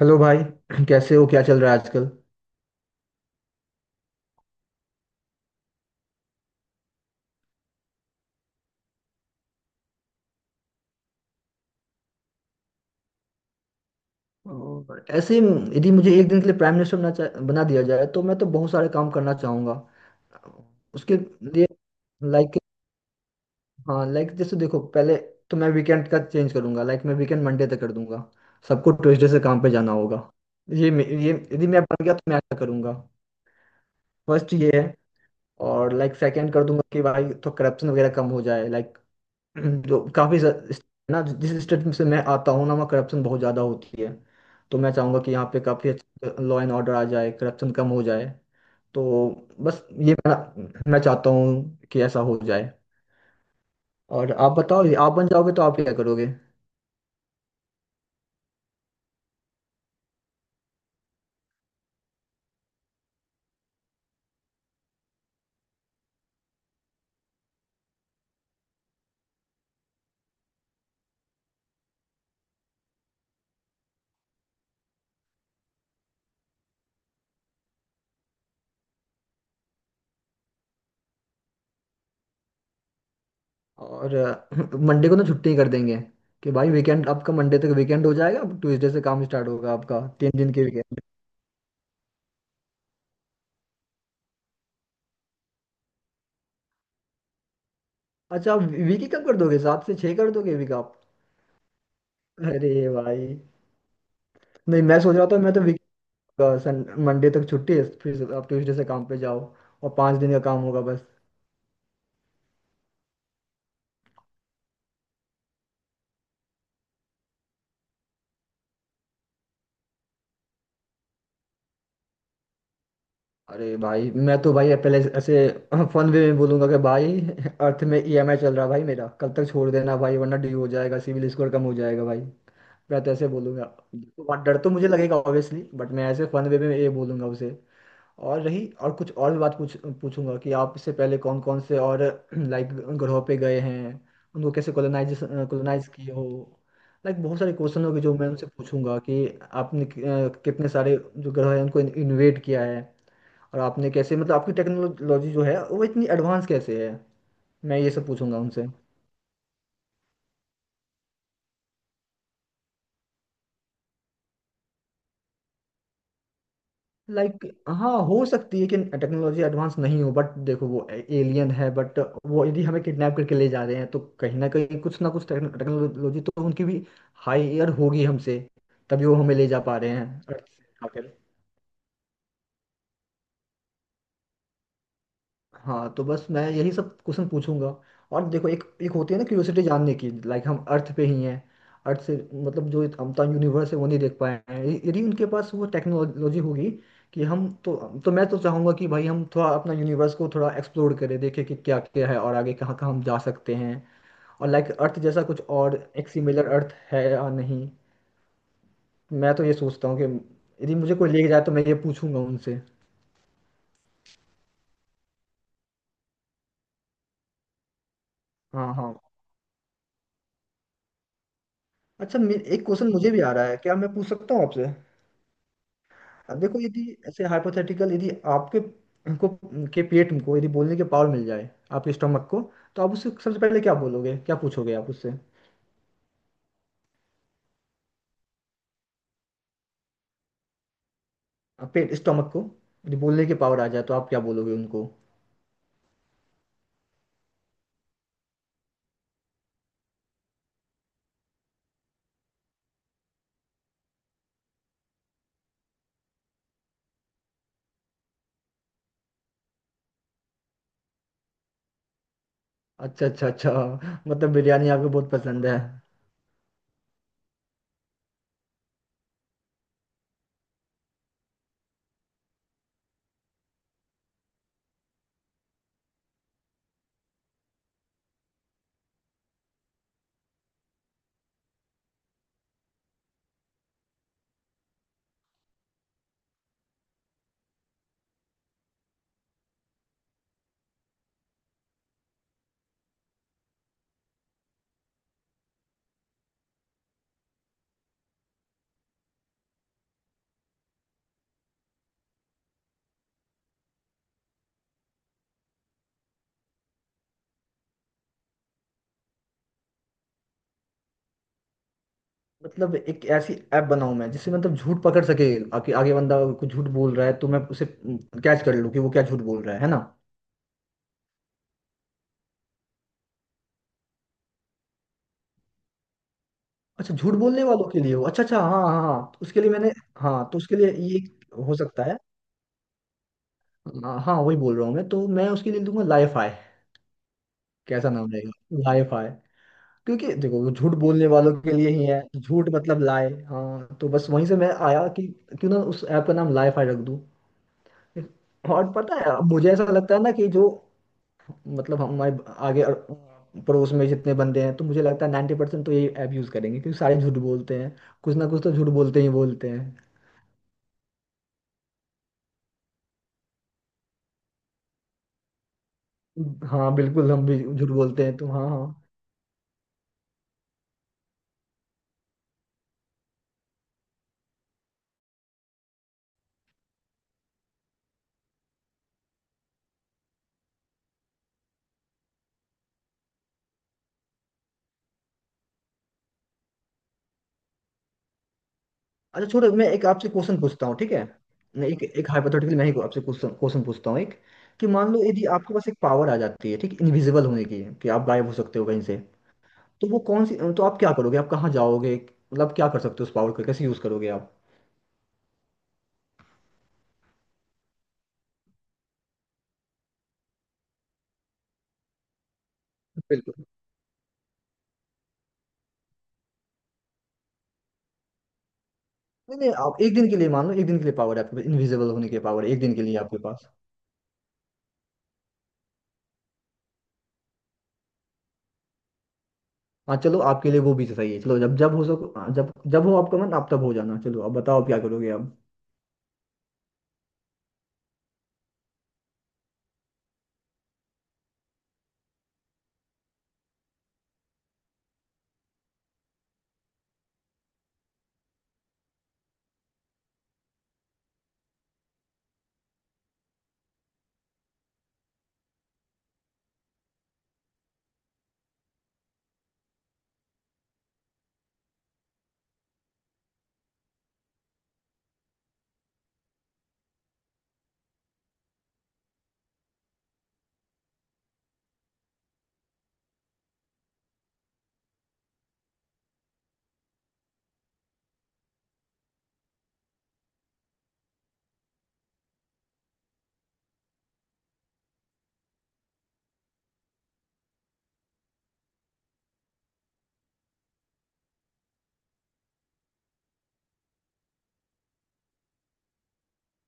Hello भाई कैसे हो? क्या चल रहा है आजकल? और ऐसे ही, यदि मुझे एक दिन के लिए प्राइम मिनिस्टर बना दिया जाए तो मैं तो बहुत सारे काम करना चाहूंगा। उसके लिए, लाइक, हाँ, लाइक जैसे देखो, पहले तो मैं वीकेंड का चेंज करूंगा। लाइक, मैं वीकेंड मंडे तक कर दूंगा। सबको ट्यूसडे से काम पे जाना होगा। ये यदि मैं बन गया तो मैं ऐसा करूंगा। फर्स्ट ये है। और लाइक, सेकंड कर दूंगा कि भाई तो करप्शन वगैरह कम हो जाए, लाइक। जो काफी ज- इस- ना, जिस स्टेट से मैं आता हूँ ना, वहाँ करप्शन बहुत ज्यादा होती है। तो मैं चाहूंगा कि यहाँ पे काफी अच्छा लॉ एंड ऑर्डर आ जाए, करप्शन कम हो जाए। तो बस ये मेरा। मैं चाहता हूँ कि ऐसा हो जाए। और आप बताओ, आप बन जाओगे तो आप क्या करोगे? और मंडे को ना छुट्टी कर देंगे। कि भाई वीकेंड आपका मंडे तक वीकेंड हो जाएगा, ट्यूसडे से काम स्टार्ट होगा आपका 3 दिन के वीकेंड। अच्छा, आप वीक ही कब कर दोगे? सात से छः कर दोगे वीक आप? अरे भाई, नहीं, मैं सोच रहा था मैं तो, का सन मंडे तक छुट्टी है, फिर आप ट्यूसडे से काम पे जाओ, और 5 दिन का काम होगा बस। अरे भाई, मैं तो भाई पहले ऐसे फन वे में बोलूंगा कि भाई, अर्थ में ईएमआई चल रहा है भाई मेरा, कल तक छोड़ देना भाई, वरना ड्यू हो जाएगा, सिविल स्कोर कम हो जाएगा भाई। मैं तो ऐसे बोलूंगा। तो वहाँ डर तो मुझे लगेगा ऑब्वियसली, बट मैं ऐसे फन वे में ये बोलूंगा उसे। और रही, और कुछ और बात पूछूंगा कि आप इससे पहले कौन कौन से और लाइक, ग्रहों पे गए हैं? उनको कैसे कॉलोनाइज कॉलोनाइज किए हो? लाइक, बहुत सारे क्वेश्चन होंगे जो मैं उनसे पूछूंगा कि आपने कितने सारे जो ग्रह हैं उनको इन्वेट किया है, और आपने कैसे, मतलब आपकी टेक्नोलॉजी जो है वो इतनी एडवांस कैसे है? मैं ये सब पूछूंगा उनसे। लाइक हाँ, हो सकती है कि टेक्नोलॉजी एडवांस नहीं हो, बट देखो वो एलियन है, बट वो यदि हमें किडनैप करके ले जा रहे हैं तो कहीं ना कहीं कुछ ना कुछ टेक्नोलॉजी तो उनकी भी हायर होगी हमसे, तभी वो हमें ले जा पा रहे हैं Earth से उठाकर। हाँ, तो बस मैं यही सब क्वेश्चन पूछूंगा। और देखो, एक एक होती है ना क्यूरियोसिटी जानने की, लाइक हम अर्थ पे ही हैं, अर्थ से मतलब जो हम तो यूनिवर्स है वो नहीं देख पाए हैं, यदि उनके पास वो टेक्नोलॉजी होगी कि हम तो। तो मैं तो चाहूंगा कि भाई हम थोड़ा अपना यूनिवर्स को थोड़ा एक्सप्लोर करें, देखें कि क्या क्या है और आगे कहाँ कहाँ हम जा सकते हैं, और लाइक अर्थ जैसा कुछ और एक सिमिलर अर्थ है या नहीं। मैं तो ये सोचता हूँ कि यदि मुझे कोई लेके जाए तो मैं ये पूछूंगा उनसे। हाँ हाँ। अच्छा, एक क्वेश्चन मुझे भी आ रहा है, क्या मैं पूछ सकता हूँ आपसे? अब देखो, यदि ऐसे हाइपोथेटिकल, यदि आपके को के पेट को यदि बोलने की पावर मिल जाए, आपके स्टमक को, तो आप उससे सबसे पहले क्या बोलोगे, क्या पूछोगे आप उससे? आप पेट स्टमक को यदि बोलने की पावर आ जाए तो आप क्या बोलोगे उनको? अच्छा, अच्छा, अच्छा। मतलब बिरयानी आपको बहुत पसंद है। मतलब एक ऐसी ऐप बनाऊं मैं जिससे मतलब झूठ पकड़ सके, आगे आगे बंदा कुछ झूठ बोल रहा है तो मैं उसे कैच कर लूं कि वो क्या झूठ बोल रहा है ना? अच्छा, झूठ बोलने वालों के लिए हो। अच्छा अच्छा, हाँ हाँ हाँ, तो उसके लिए मैंने, हाँ तो उसके लिए ये हो सकता है। हाँ हाँ, वही बोल रहा हूँ मैं, तो मैं उसके लिए दूंगा लाइफाई। कैसा नाम रहेगा? लाइफाई। क्योंकि देखो वो झूठ बोलने वालों के लिए ही है, झूठ मतलब लाए, हाँ, तो बस वहीं से मैं आया कि क्यों ना उस ऐप का नाम लाइफाई रख दूँ। और पता है, मुझे ऐसा लगता है ना कि जो, मतलब हमारे आगे पड़ोस में जितने बंदे हैं, तो मुझे लगता है 90% तो ये ऐप यूज़ करेंगे क्योंकि सारे झूठ बोलते हैं। कुछ ना कुछ तो झूठ बोलते ही बोलते हैं। हाँ बिल्कुल, हम भी झूठ बोलते हैं तो। हाँ हाँ। अच्छा छोड़ो, मैं एक आपसे क्वेश्चन पूछता हूँ, ठीक है? मैं एक एक हाइपोथेटिकल मैं ही आपसे क्वेश्चन क्वेश्चन पूछता हूँ एक, कि मान लो यदि आपके पास एक पावर आ जाती है, ठीक, इनविजिबल होने की, कि आप गायब हो सकते हो कहीं से, तो वो कौन सी, तो आप क्या करोगे, आप कहाँ जाओगे? मतलब क्या कर सकते हो, उस पावर को कैसे यूज करोगे आप? बिल्कुल। नहीं नहीं, आप एक दिन के लिए मान लो, एक दिन के लिए पावर है आपके पास, इनविजिबल होने की पावर है एक दिन के लिए आपके पास। हाँ चलो, आपके लिए वो भी सही है, चलो जब जब हो सको, हाँ, जब जब हो आपका मन आप तब हो जाना, चलो अब बताओ क्या करोगे आप?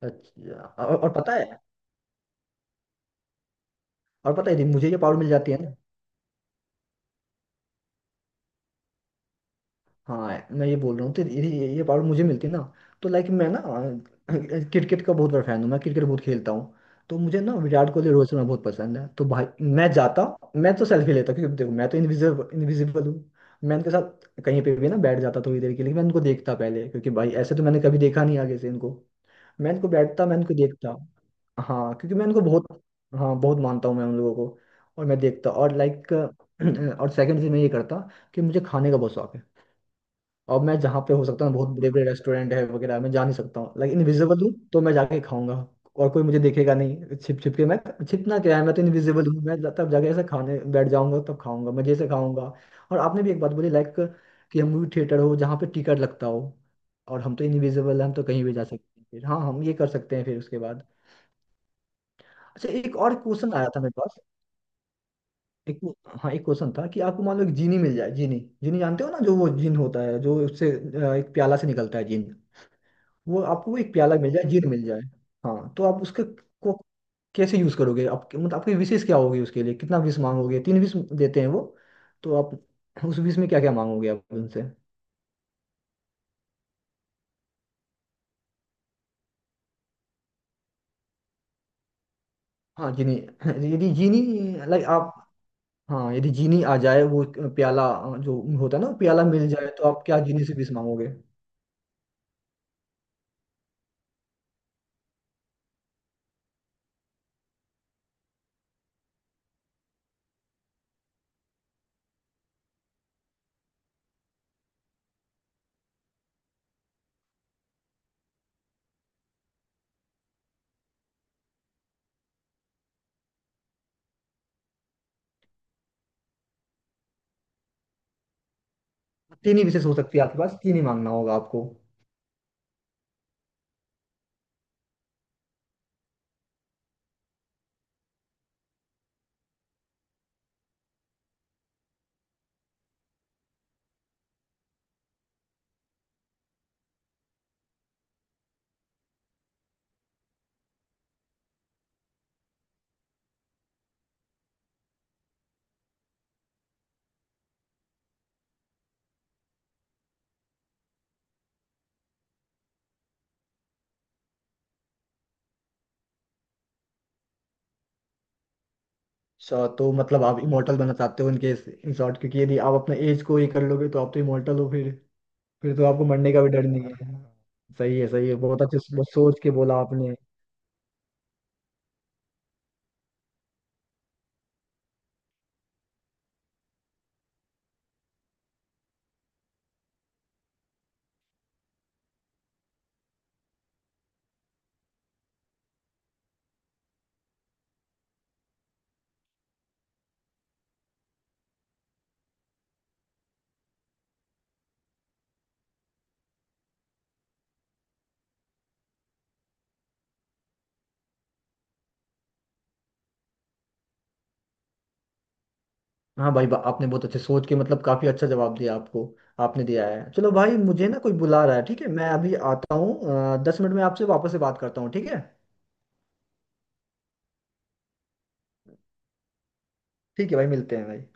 अच्छा, और पता है, और पता है यदि मुझे ये पावर मिल जाती है ना, हाँ मैं ये बोल रहा हूँ, तो ये पावर मुझे मिलती ना, तो लाइक मैं ना क्रिकेट का बहुत बड़ा फैन हूँ, मैं क्रिकेट बहुत खेलता हूँ। तो मुझे ना विराट कोहली, रोहित शर्मा बहुत पसंद है तो भाई, मैं जाता, मैं तो सेल्फी लेता, क्योंकि देखो मैं तो इनविजिबल इनविजिबल हूँ। मैं उनके साथ कहीं पे भी ना बैठ जाता थोड़ी देर के लिए, मैं उनको देखता पहले क्योंकि भाई ऐसे तो मैंने कभी देखा नहीं आगे से इनको, मैं इनको बैठता, मैं इनको देखता। हाँ, क्योंकि मैं इनको बहुत, हाँ बहुत मानता हूँ मैं उन लोगों को, और मैं देखता, और लाइक और सेकंड चीज मैं ये करता कि मुझे खाने का बहुत शौक है। अब मैं जहाँ पे हो सकता हूँ, बहुत बड़े बड़े रेस्टोरेंट है वगैरह, मैं जा नहीं सकता हूँ, लाइक इनविजिबल हूँ तो मैं जाके खाऊंगा, और कोई मुझे देखेगा नहीं, छिप छिप के मैं, छिपना क्या है, मैं तो इनविजिबल हूँ, मैं तब जाके ऐसे खाने बैठ जाऊंगा, तब खाऊंगा, मजे से खाऊंगा। और आपने भी एक बात बोली, लाइक कि हम मूवी थिएटर हो जहाँ पे टिकट लगता हो, और हम तो इनविजिबल हैं, हम तो कहीं भी जा सकते हैं फिर, हाँ हम ये कर सकते हैं फिर उसके बाद। अच्छा, एक और क्वेश्चन आया था मेरे पास, एक, हाँ एक क्वेश्चन था कि आपको मान लो एक जीनी मिल जाए। जीनी, जीनी जानते हो ना, जो वो जीन होता है जो उससे एक प्याला से निकलता है, जीन, वो आपको एक प्याला मिल जाए, जीर मिल जाए, हाँ तो आप उसके को कैसे यूज करोगे आपके, मतलब आपकी विशेष क्या होगी उसके लिए, कितना विश मांगोगे? तीन विश देते हैं वो, तो आप उस विश में क्या क्या मांगोगे आप उनसे? हाँ जीनी, यदि जीनी, लाइक आप, हाँ यदि जीनी आ जाए, वो प्याला जो होता है ना प्याला मिल जाए, तो आप क्या जीनी से विश मांगोगे? तीन ही विशेष हो सकती है आपके पास, तीन ही मांगना होगा आपको। अच्छा, तो मतलब आप इमोर्टल बनना चाहते हो, इनके इन शॉर्ट, क्योंकि यदि आप अपने एज को ये कर लोगे तो आप तो इमोर्टल हो फिर तो आपको मरने का भी डर नहीं है। सही है, सही है, बहुत सोच के बोला आपने। हाँ भाई, आपने बहुत अच्छे सोच के, मतलब काफी अच्छा जवाब दिया, आपको आपने दिया है। चलो भाई, मुझे ना कोई बुला रहा है, ठीक है, मैं अभी आता हूँ, 10 मिनट में आपसे वापस से बात करता हूँ, ठीक है? ठीक है भाई, मिलते हैं भाई।